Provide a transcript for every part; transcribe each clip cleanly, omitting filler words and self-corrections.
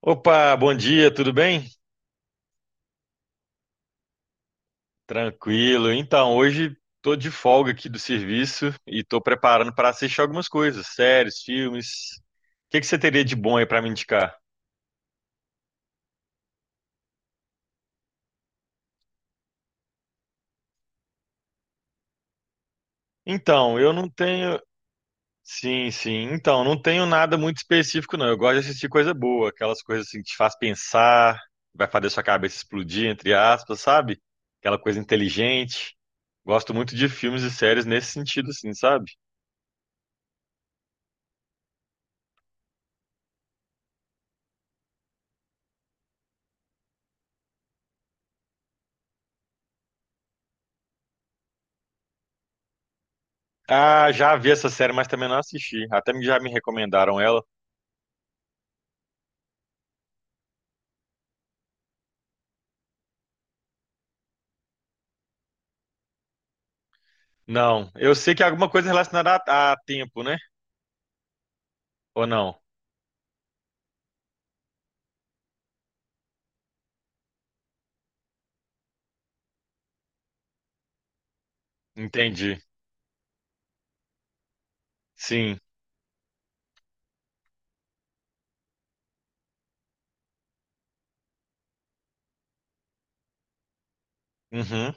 Opa, bom dia, tudo bem? Tranquilo. Então, hoje tô de folga aqui do serviço e tô preparando para assistir algumas coisas, séries, filmes. O que que você teria de bom aí para me indicar? Então, eu não tenho. Sim, sim. Então, não tenho nada muito específico, não. Eu gosto de assistir coisa boa, aquelas coisas assim que te faz pensar, vai fazer sua cabeça explodir, entre aspas, sabe? Aquela coisa inteligente. Gosto muito de filmes e séries nesse sentido, assim, sabe? Ah, já vi essa série, mas também não assisti. Até já me recomendaram ela. Não, eu sei que é alguma coisa relacionada a tempo, né? Ou não? Entendi. Sim. Uhum.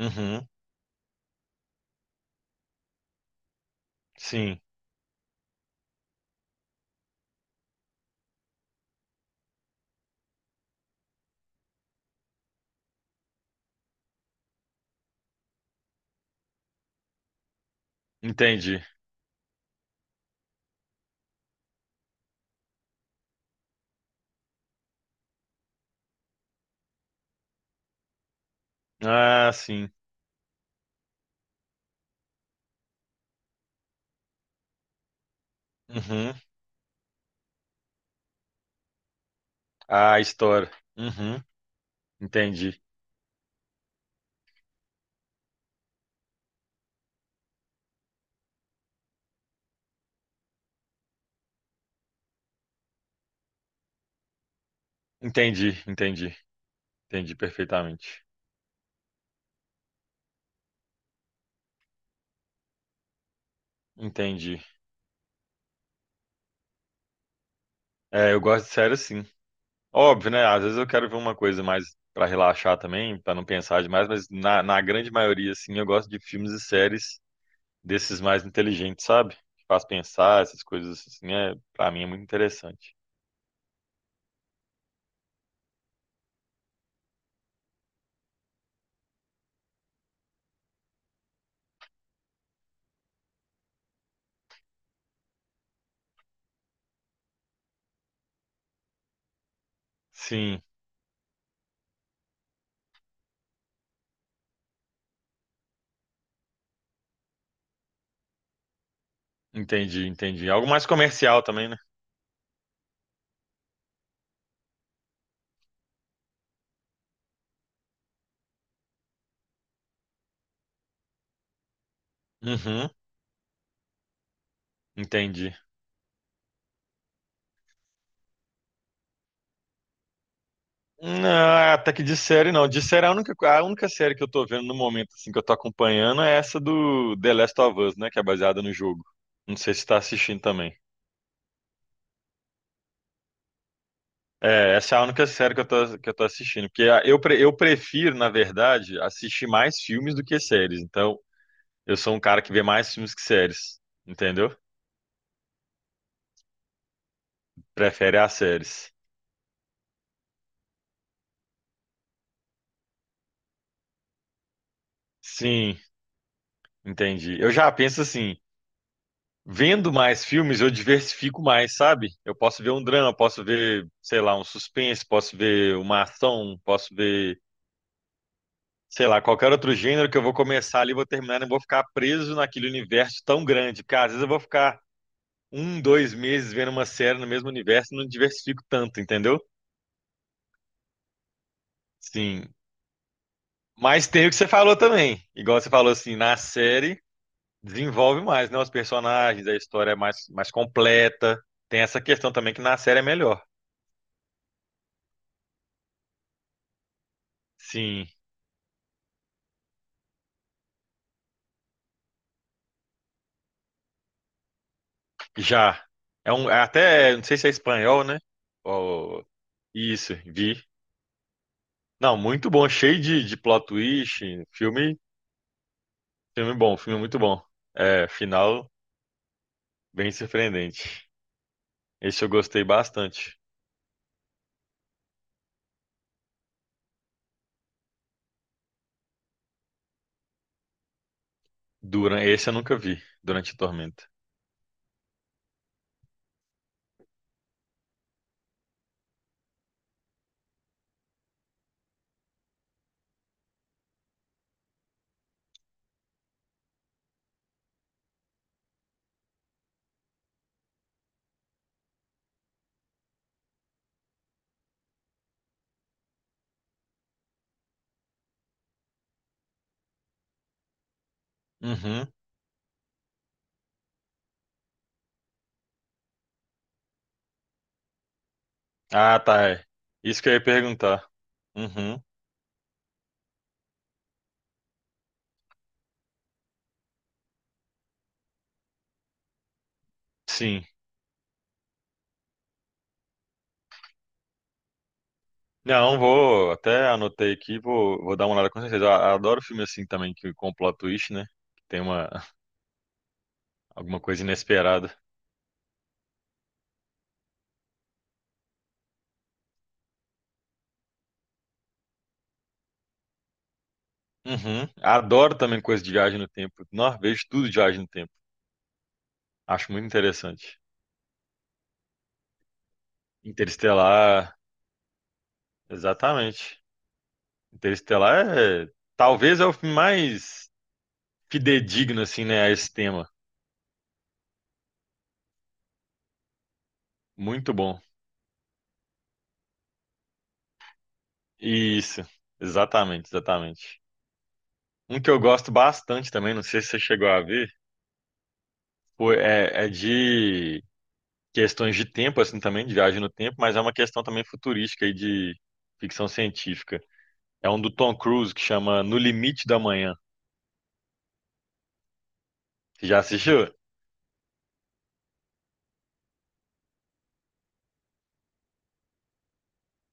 Uhum. Sim. Entendi. Ah, sim. Uhum. Ah, história. Uhum. Entendi. Entendi. Entendi. Entendi perfeitamente. Entendi. É, eu gosto de série sim. Óbvio, né? Às vezes eu quero ver uma coisa mais pra relaxar também, pra não pensar demais, mas na grande maioria, assim, eu gosto de filmes e séries desses mais inteligentes, sabe? Que faz pensar, essas coisas assim, é, para mim é muito interessante. Sim, entendi, entendi. Algo mais comercial também, né? Uhum, entendi. Não, até que de série não. De série a única série que eu tô vendo no momento assim que eu tô acompanhando é essa do The Last of Us, né, que é baseada no jogo. Não sei se tá assistindo também. É, essa é a única série que eu tô assistindo, porque eu prefiro, na verdade, assistir mais filmes do que séries. Então, eu sou um cara que vê mais filmes que séries, entendeu? Prefere as séries. Sim, entendi. Eu já penso assim, vendo mais filmes, eu diversifico mais, sabe? Eu posso ver um drama, posso ver, sei lá, um suspense, posso ver uma ação, posso ver, sei lá, qualquer outro gênero que eu vou começar ali, vou terminar, não vou ficar preso naquele universo tão grande. Cara, às vezes eu vou ficar um, dois meses vendo uma série no mesmo universo e não diversifico tanto, entendeu? Sim. Mas tem o que você falou também. Igual você falou assim, na série. Desenvolve mais, né? Os personagens, a história é mais completa. Tem essa questão também que na série é melhor. Sim, já. É um, é até, não sei se é espanhol, né? Ou- isso, vi. Não, muito bom, cheio de plot twist. Filme, filme bom, filme muito bom. É, final bem surpreendente. Esse eu gostei bastante. Durante, esse eu nunca vi, Durante a Tormenta. Uhum. Ah, tá. É. Isso que eu ia perguntar. Uhum. Sim. Não, vou, até anotei aqui, vou, vou dar uma olhada com certeza. Eu adoro filme assim também, que com plot twist, né? Que tem uma, alguma coisa inesperada. Uhum. Adoro também coisa de viagem no tempo. Nossa, vejo tudo de viagem no tempo. Acho muito interessante. Interestelar, exatamente. Interestelar é, talvez é o filme mais fidedigno, assim, né, a esse tema. Muito bom. Isso, exatamente, exatamente. Um que eu gosto bastante também, não sei se você chegou a ver, foi, é de questões de tempo, assim, também, de viagem no tempo, mas é uma questão também futurística aí de ficção científica. É um do Tom Cruise que chama No Limite da Manhã. Você já assistiu?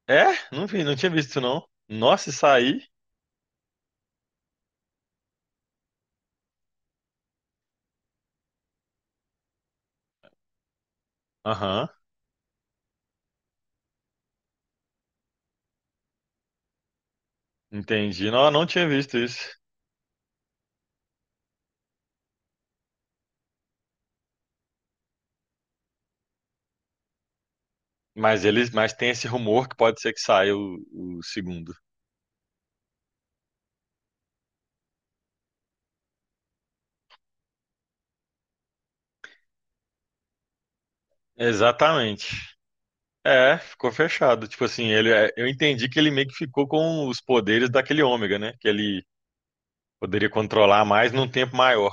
É? Não vi, não tinha visto isso, não. Nossa, isso aí. Aham, entendi. Não, eu não tinha visto isso. Mas eles, mas tem esse rumor que pode ser que saia o segundo. Exatamente. É, ficou fechado. Tipo assim, ele, é, eu entendi que ele meio que ficou com os poderes daquele ômega, né? Que ele poderia controlar mais num tempo maior.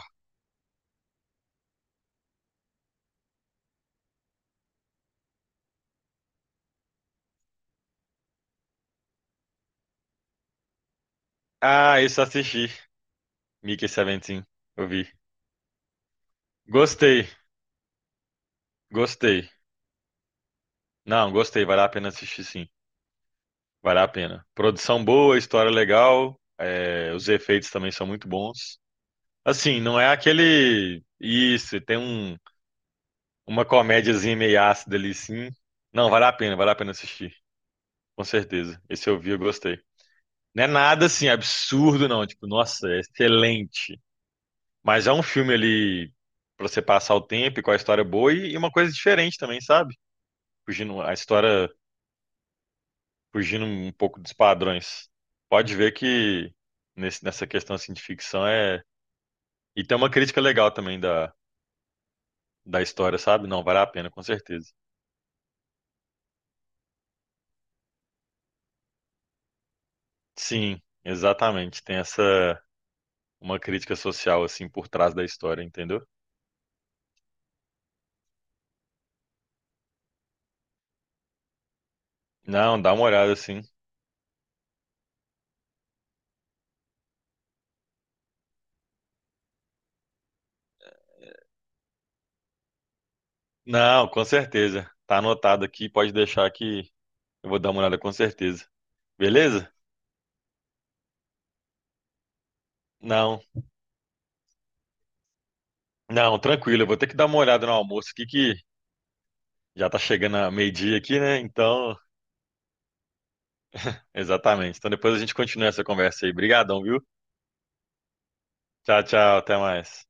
Ah, isso eu assisti. Mickey 17, eu vi. Gostei, gostei. Não, gostei, vale a pena assistir sim. Vale a pena. Produção boa, história legal, é, os efeitos também são muito bons. Assim, não é aquele. Isso, tem um, uma comédiazinha meio ácida ali sim. Não, vale a pena assistir, com certeza. Esse eu vi, eu gostei. Não é nada assim absurdo, não. Tipo, nossa, é excelente. Mas é um filme ali pra você passar o tempo e com a história boa e uma coisa diferente também, sabe? Fugindo, a história fugindo um pouco dos padrões. Pode ver que nessa questão assim, de ficção é. E tem uma crítica legal também da história, sabe? Não, vale a pena, com certeza. Sim, exatamente. Tem essa uma crítica social assim por trás da história, entendeu? Não, dá uma olhada assim. Não, com certeza. Tá anotado aqui, pode deixar que eu vou dar uma olhada com certeza. Beleza? Não, não, tranquilo. Eu vou ter que dar uma olhada no almoço aqui que já tá chegando a meio-dia aqui, né? Então. Exatamente. Então depois a gente continua essa conversa aí. Obrigadão, viu? Tchau, tchau, até mais.